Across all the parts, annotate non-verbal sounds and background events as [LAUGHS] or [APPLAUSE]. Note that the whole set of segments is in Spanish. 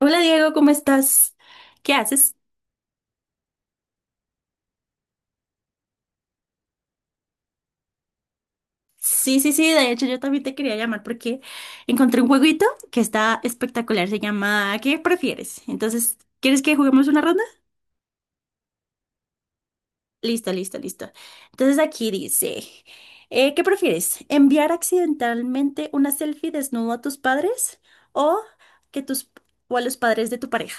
Hola Diego, ¿cómo estás? ¿Qué haces? Sí, sí, sí, de hecho yo también te quería llamar porque encontré un jueguito que está espectacular, se llama ¿Qué prefieres? Entonces, ¿quieres que juguemos una ronda? Listo, listo, listo. Entonces aquí dice, ¿qué prefieres? ¿Enviar accidentalmente una selfie desnudo a tus padres o que tus o a los padres de tu pareja?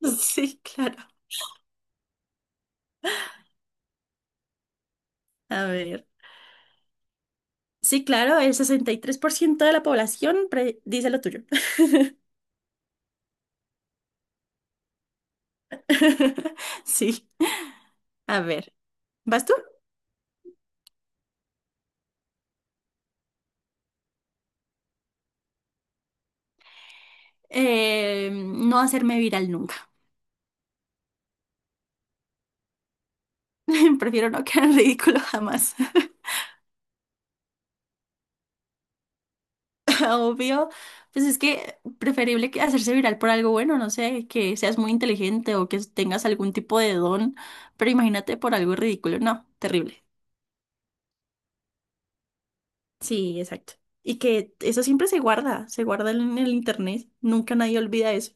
[LAUGHS] Sí, claro. A ver. Sí, claro, el 63% de la población dice lo tuyo. [LAUGHS] Sí. A ver, ¿vas tú? No hacerme viral nunca. [LAUGHS] Prefiero no quedar en ridículo jamás. [LAUGHS] Obvio, pues es que preferible que hacerse viral por algo bueno, no sé, que seas muy inteligente o que tengas algún tipo de don, pero imagínate por algo ridículo, no, terrible. Sí, exacto. Y que eso siempre se guarda en el internet, nunca nadie olvida eso.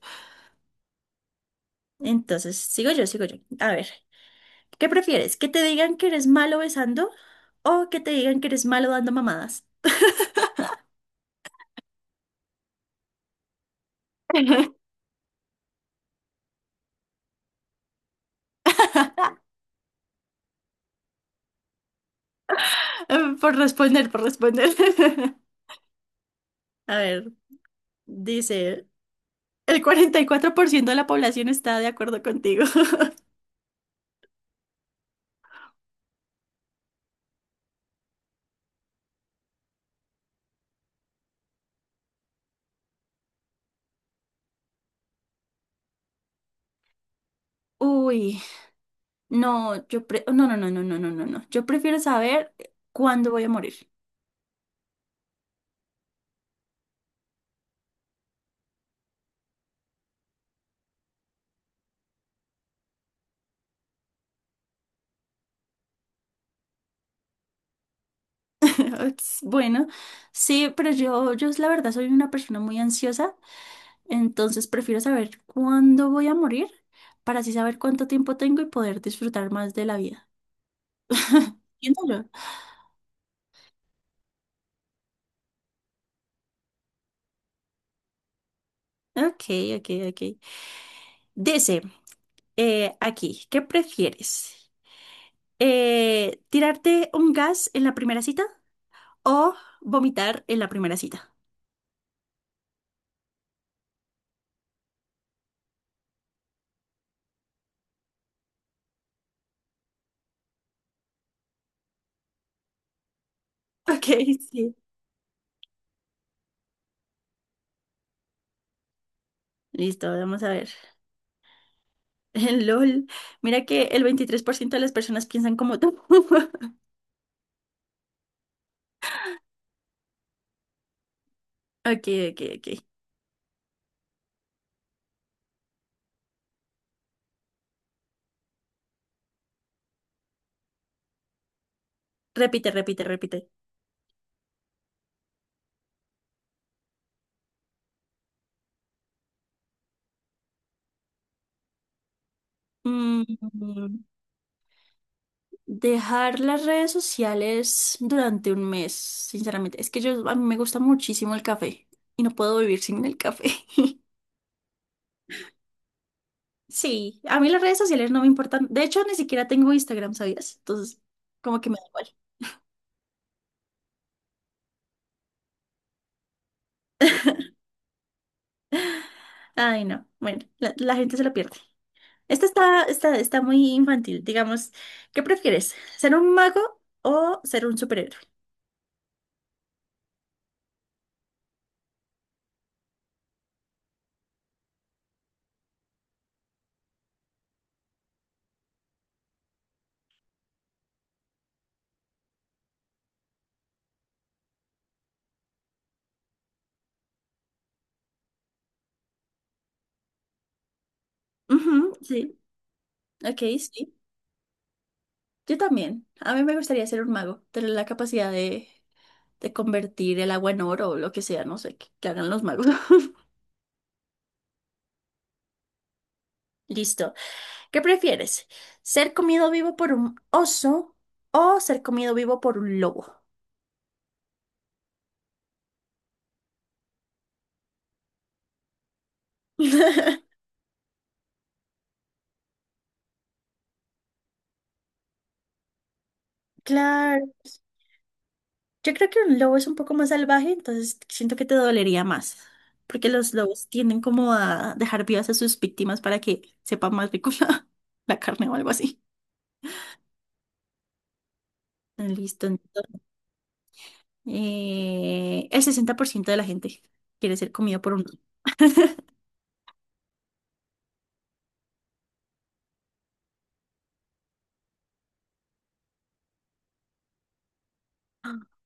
Entonces, sigo yo, sigo yo. A ver, ¿qué prefieres? ¿Que te digan que eres malo besando o que te digan que eres malo dando mamadas? [LAUGHS] Por responder, por responder. [LAUGHS] A ver, dice, el 44% de la población está de acuerdo contigo. [LAUGHS] Uy, no, yo no, no, no, no, no, no, no, no. Yo prefiero saber cuándo voy a morir. [LAUGHS] Ups, bueno, sí, pero yo la verdad soy una persona muy ansiosa, entonces prefiero saber cuándo voy a morir para así saber cuánto tiempo tengo y poder disfrutar más de la vida. [LAUGHS] Entiéndalo. Ok, ok, ok. Dice. Aquí, ¿qué prefieres? ¿Tirarte un gas en la primera cita o vomitar en la primera cita? [LAUGHS] Ok, sí. Listo, vamos a ver. [LAUGHS] LOL, mira que el 23% de las personas piensan como tú. [LAUGHS] Ok, ok, ok. Repite, repite, repite. Mm, Dejar las redes sociales durante un mes, sinceramente. Es que yo, a mí me gusta muchísimo el café y no puedo vivir sin el café. [LAUGHS] Sí, a mí las redes sociales no me importan. De hecho, ni siquiera tengo Instagram, ¿sabías? Entonces, como que me da igual. Ay, no. Bueno, la gente se lo pierde. Esta está muy infantil. Digamos, ¿qué prefieres? ¿Ser un mago o ser un superhéroe? Ujú, sí. Ok, sí. Yo también. A mí me gustaría ser un mago. Tener la capacidad de convertir el agua en oro o lo que sea. No sé, que hagan los magos. [LAUGHS] Listo. ¿Qué prefieres? ¿Ser comido vivo por un oso o ser comido vivo por un lobo? [LAUGHS] Claro, yo creo que un lobo es un poco más salvaje, entonces siento que te dolería más, porque los lobos tienden como a dejar vivas a sus víctimas para que sepa más rico [LAUGHS] la carne o algo así. Listo, entonces, el 60% de la gente quiere ser comida por un lobo. [LAUGHS]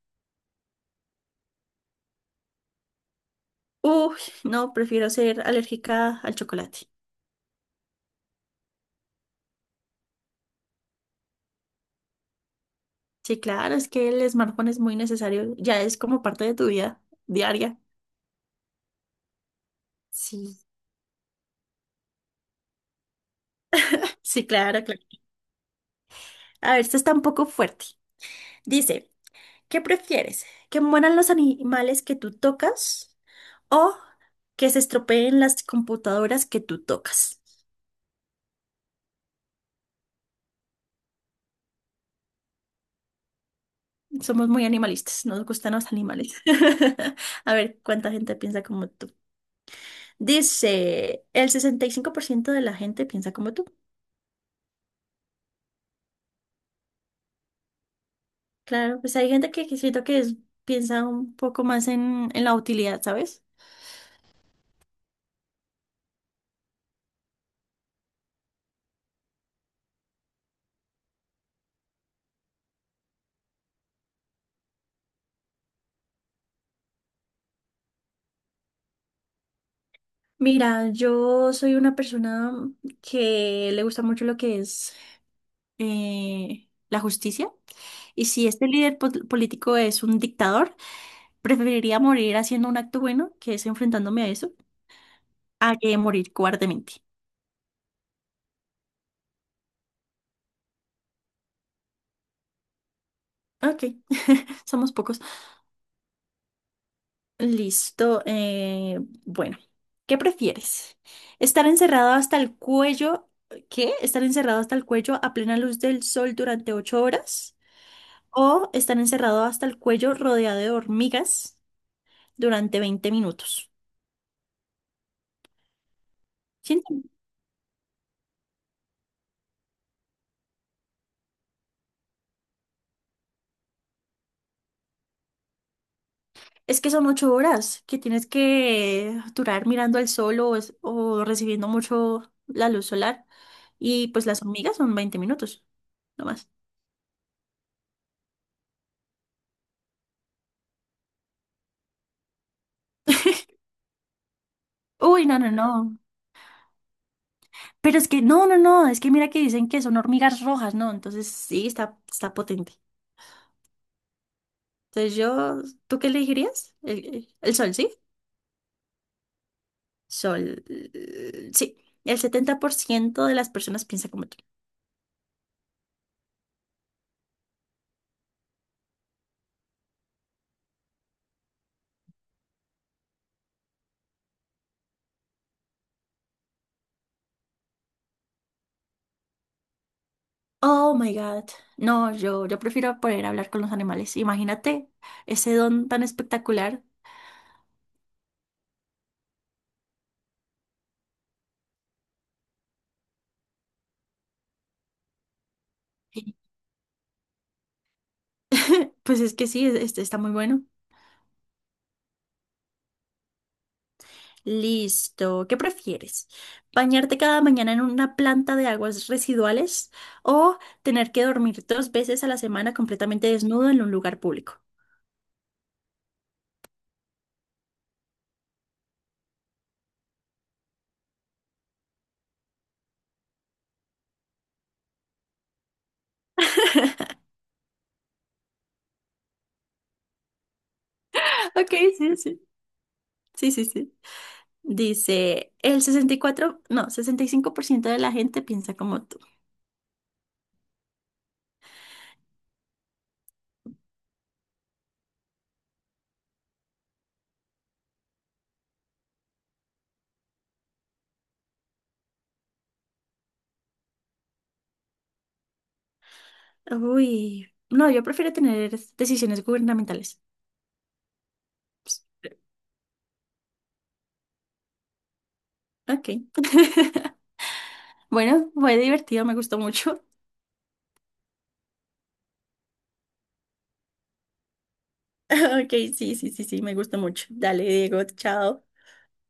Uy, no, prefiero ser alérgica al chocolate. Sí, claro, es que el smartphone es muy necesario, ya es como parte de tu vida diaria. Sí. Sí, claro, claro. A ver, esta está un poco fuerte. Dice, ¿qué prefieres? ¿Que mueran los animales que tú tocas o que se estropeen las computadoras que tú tocas? Somos muy animalistas, nos gustan los animales. [LAUGHS] A ver, ¿cuánta gente piensa como tú? Dice, el 65% de la gente piensa como tú. Claro, pues hay gente que siento que piensa un poco más en la utilidad, ¿sabes? Mira, yo soy una persona que le gusta mucho lo que es la justicia. Y si este líder político es un dictador, preferiría morir haciendo un acto bueno, que es enfrentándome a eso, a que morir cobardemente. Ok, [LAUGHS] somos pocos. Listo. Bueno, ¿qué prefieres? ¿Estar encerrado hasta el cuello? ¿Qué? ¿Estar encerrado hasta el cuello a plena luz del sol durante 8 horas? ¿O estar encerrado hasta el cuello rodeado de hormigas durante 20 minutos? Siento- Es que son 8 horas que tienes que durar mirando al sol o recibiendo mucho la luz solar. Y pues las hormigas son 20 minutos, no más. [LAUGHS] Uy, no, no, no. Pero es que, no, no, no, es que mira que dicen que son hormigas rojas, ¿no? Entonces sí, está potente. Entonces yo, ¿tú qué elegirías? El sol, ¿sí? Sol, sí. El 70% de las personas piensa como tú. Oh my God. No, yo prefiero poder hablar con los animales. Imagínate ese don tan espectacular. [LAUGHS] Pues es que sí, está muy bueno. Listo. ¿Qué prefieres? ¿Bañarte cada mañana en una planta de aguas residuales o tener que dormir 2 veces a la semana completamente desnudo en un lugar público? [LAUGHS] Ok, sí, sí. Sí, sí, sí. Dice, el 64, no, 65% de la gente piensa como tú. Uy, no, yo prefiero tener decisiones gubernamentales. Ok. [LAUGHS] Bueno, fue divertido, me gustó mucho. [LAUGHS] Ok, sí, sí, sí, sí, me gustó mucho. Dale, Diego, chao.